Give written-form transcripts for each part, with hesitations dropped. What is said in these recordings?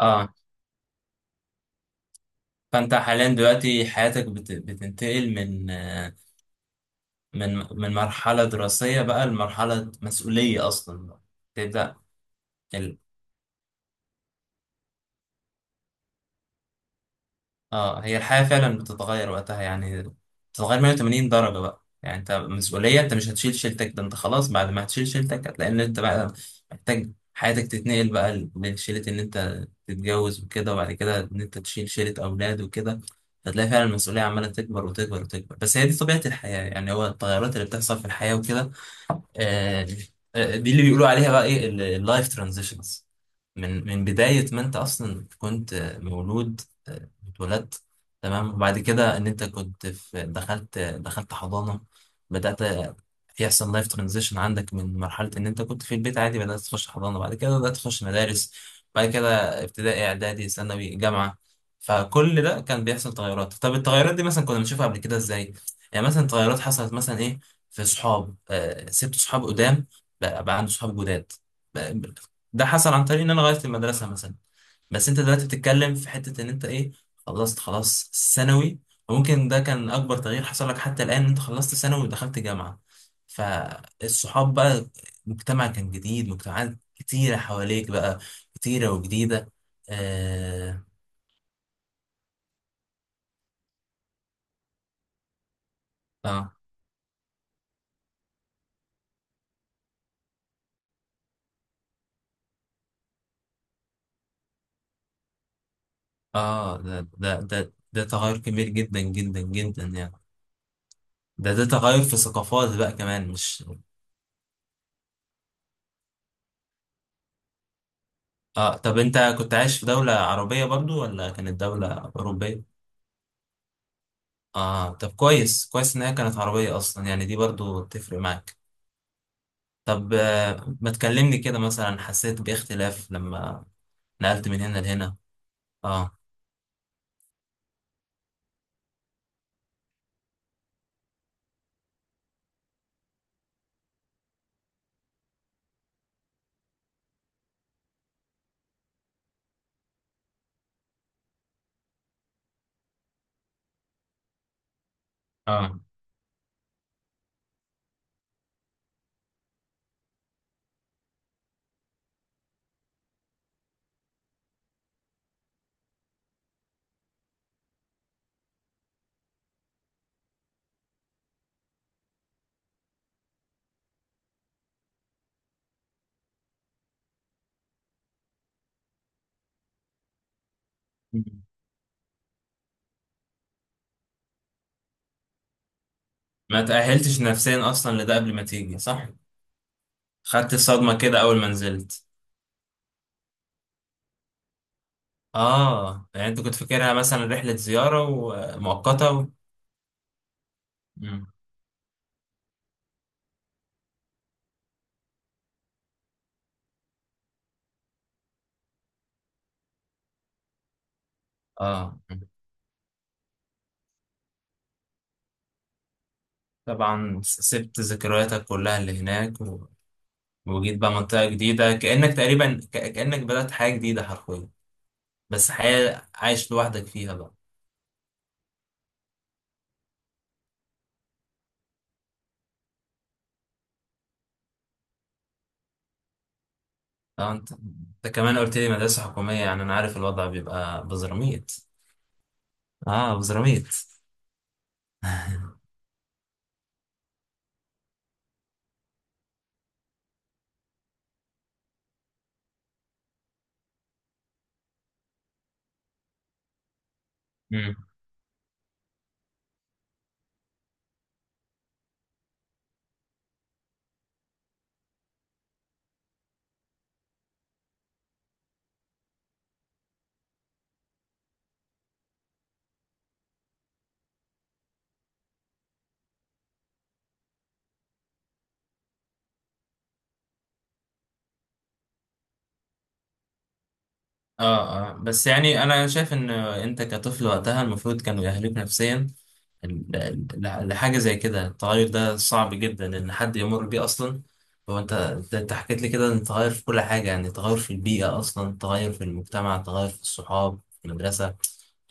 اه فانت حاليا دلوقتي حياتك بتنتقل من من مرحلة دراسية بقى لمرحلة مسؤولية اصلا بقى. تبدأ. اه، هي الحياة فعلا بتتغير وقتها يعني بتتغير 180 درجة بقى. يعني انت مسؤولية، انت مش هتشيل شيلتك، ده انت خلاص بعد ما هتشيل شيلتك هتلاقي ان انت بقى محتاج حياتك تتنقل بقى لشيلة ان انت تتجوز وكده، وبعد كده ان انت تشيل شيلة اولاد وكده. هتلاقي فعلا المسؤولية عمالة تكبر وتكبر وتكبر، بس هي دي طبيعة الحياة يعني، هو التغيرات اللي بتحصل في الحياة وكده. آه دي اللي بيقولوا عليها بقى ايه، اللايف ترانزيشنز. من بداية ما انت اصلا كنت مولود، اتولدت، تمام. وبعد كده ان انت كنت في، دخلت حضانة، بدأت يحصل لايف ترانزيشن عندك. من مرحلة ان انت كنت في البيت عادي، بدأت تخش حضانة، بعد كده بدأت تخش مدارس، بعد كده ابتدائي، اعدادي، ثانوي، جامعة. فكل ده كان بيحصل تغيرات. طب التغيرات دي مثلا كنا بنشوفها قبل كده ازاي؟ يعني مثلا تغيرات حصلت مثلا ايه؟ في صحاب، سبت صحاب قدام، بقى عندي صحاب جداد. ده حصل عن طريق ان انا غيرت المدرسه مثلا. بس انت دلوقتي بتتكلم في حته ان انت ايه، خلصت خلاص ثانوي، وممكن ده كان اكبر تغيير حصل لك حتى الان. انت خلصت ثانوي ودخلت جامعه، فالصحاب بقى مجتمع كان جديد، مجتمعات كتيره حواليك بقى، كتيره وجديده. اه. اه، آه ده، ده تغير كبير جدا جدا جدا يعني. ده تغير في ثقافات بقى كمان، مش؟ اه طب انت كنت عايش في دولة عربية برضو ولا كانت دولة أوروبية؟ اه طب كويس، كويس ان هي كانت عربية اصلا يعني، دي برضو تفرق معاك. طب ما تكلمني كده، مثلا حسيت باختلاف لما نقلت من هنا لهنا؟ اه. اه. مم. ما تأهلتش نفسيا اصلا لده قبل ما تيجي، صح؟ خدت الصدمة كده اول ما نزلت. اه، يعني انت كنت فاكرها مثلا رحلة زيارة ومؤقتة مم. اه طبعا، سبت ذكرياتك كلها اللي هناك وجيت بقى منطقة جديدة، كأنك تقريبا كأنك بدأت حياة جديدة حرفيا، بس حياة عايش لوحدك فيها بقى. اه انت، انت كمان قلت لي مدرسة حكومية، يعني انا عارف الوضع بيبقى بزراميط. اه بزراميط. مم. اه اه، بس يعني انا شايف ان انت كطفل وقتها المفروض كانوا يأهلوك نفسيا لحاجة زي كده. التغير ده صعب جدا إن حد يمر بيه أصلا. هو أنت حكيت لي كده إن تغير في كل حاجة، يعني تغير في البيئة أصلا، تغير في المجتمع، تغير في الصحاب، في المدرسة.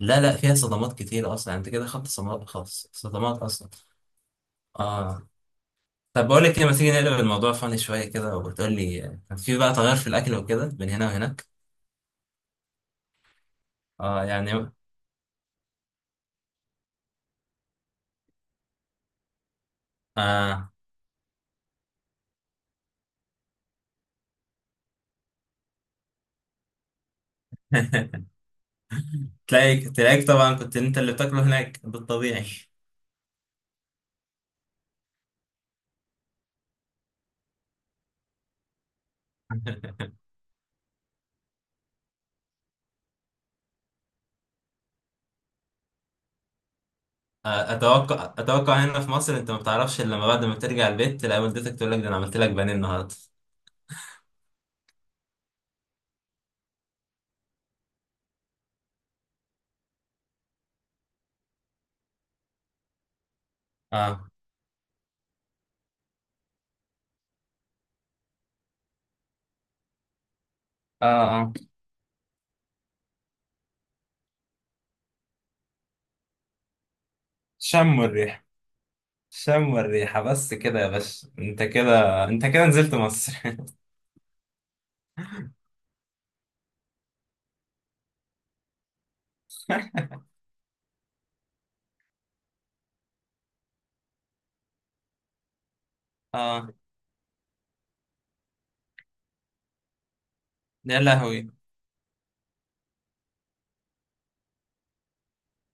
لا لا، فيها صدمات كتير أصلا يعني، أنت كده خدت صدمات خلاص، صدمات أصلا. آه طب بقول لك إيه، ما تيجي نقلب الموضوع فاني شوية كده، وبتقول لي، كان في بقى تغير في الأكل وكده بين هنا وهناك؟ آه يعني. آه. تلاقيك، تلاقيك طبعا كنت أنت اللي بتاكله هناك بالطبيعي. اتوقع، اتوقع هنا في مصر انت ما بتعرفش الا لما بعد ما ترجع البيت تلاقي والدتك تقول لك ده انا عملت لك بانيه النهارده. اه. اه. اه شم الريحه، شم الريحه بس. كده يا باشا، انت كده، انت كده نزلت مصر. اه يا لهوي.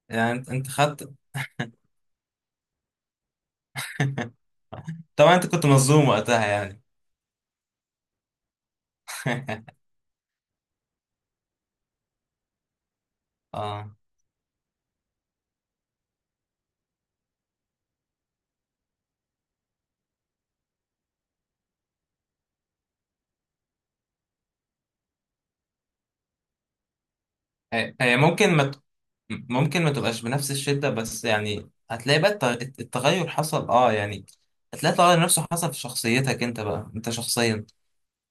يعني انت، انت خدت. طبعا انت كنت مظلوم وقتها يعني. اه. هي هي ممكن ما ت- ممكن ما تبقاش بنفس الشدة، بس يعني هتلاقي بقى التغير حصل، اه يعني. هتلاقي التغير نفسه حصل في شخصيتك انت بقى، انت شخصيا.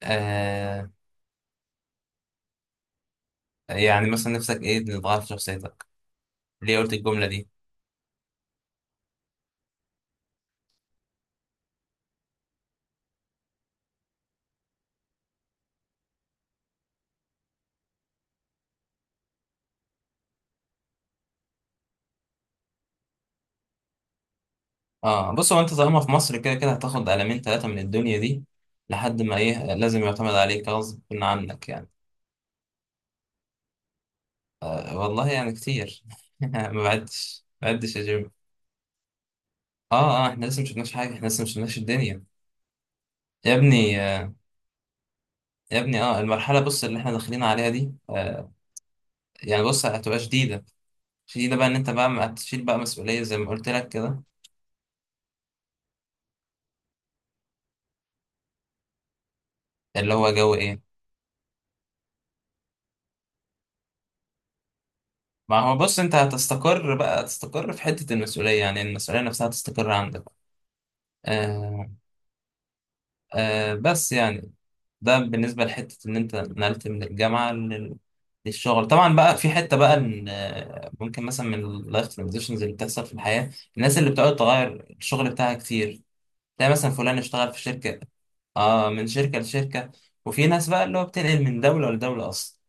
آه. يعني مثلا نفسك ايه اللي اتغير في شخصيتك؟ ليه قلت الجملة دي؟ اه بص، هو انت طالما في مصر، كده كده هتاخد قلمين ثلاثة من الدنيا دي لحد ما ايه، لازم يعتمد عليك غصب عنك يعني. والله يعني كتير. ما بعدش، ما بعدش يا جيم. اه. اه احنا لسه مش شفناش حاجة، احنا لسه مش شفناش الدنيا. يا ابني آه، يا ابني اه، المرحلة بص اللي احنا داخلين عليها دي آه، يعني بص هتبقى شديدة. شديدة بقى ان انت بقى هتشيل بقى مسؤولية زي ما قلت لك كده. اللي هو جو ايه؟ ما هو بص، انت هتستقر بقى، تستقر في حتة المسؤولية، يعني المسؤولية نفسها تستقر عندك. آه. آه بس يعني، ده بالنسبة لحتة ان انت نقلت من الجامعة للشغل. طبعا بقى في حتة بقى ان ممكن مثلا من اللايف ترانزيشنز اللي بتحصل في الحياة، الناس اللي بتقعد تغير الشغل بتاعها كتير. تلاقي مثلا فلان اشتغل في شركة. اه، من شركة لشركة. وفي ناس بقى اللي هو بتنقل من دولة لدولة اصلا،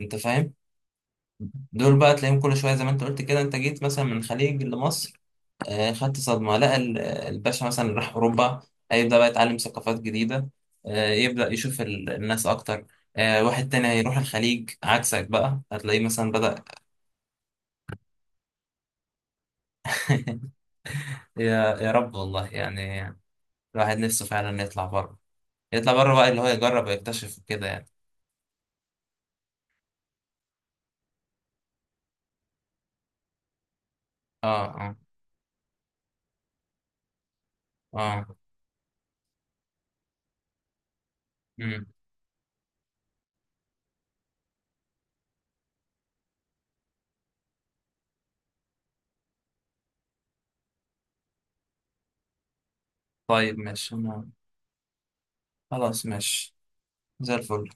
انت فاهم؟ دول بقى تلاقيهم كل شوية. زي ما انت قلت كده، انت جيت مثلا من الخليج لمصر، خدت صدمة. لقى الباشا مثلا اللي راح أوروبا هيبدأ بقى يتعلم ثقافات جديدة، يبدأ يشوف الناس أكتر. واحد تاني هيروح الخليج عكسك بقى، هتلاقيه مثلا بدأ. يا رب، والله يعني. الواحد نفسه فعلا يطلع بره، يطلع بره بقى، اللي هو يجرب ويكتشف كده يعني. اه. اه. اه. مم. طيب ماشي خلاص ماشي، زي الفل.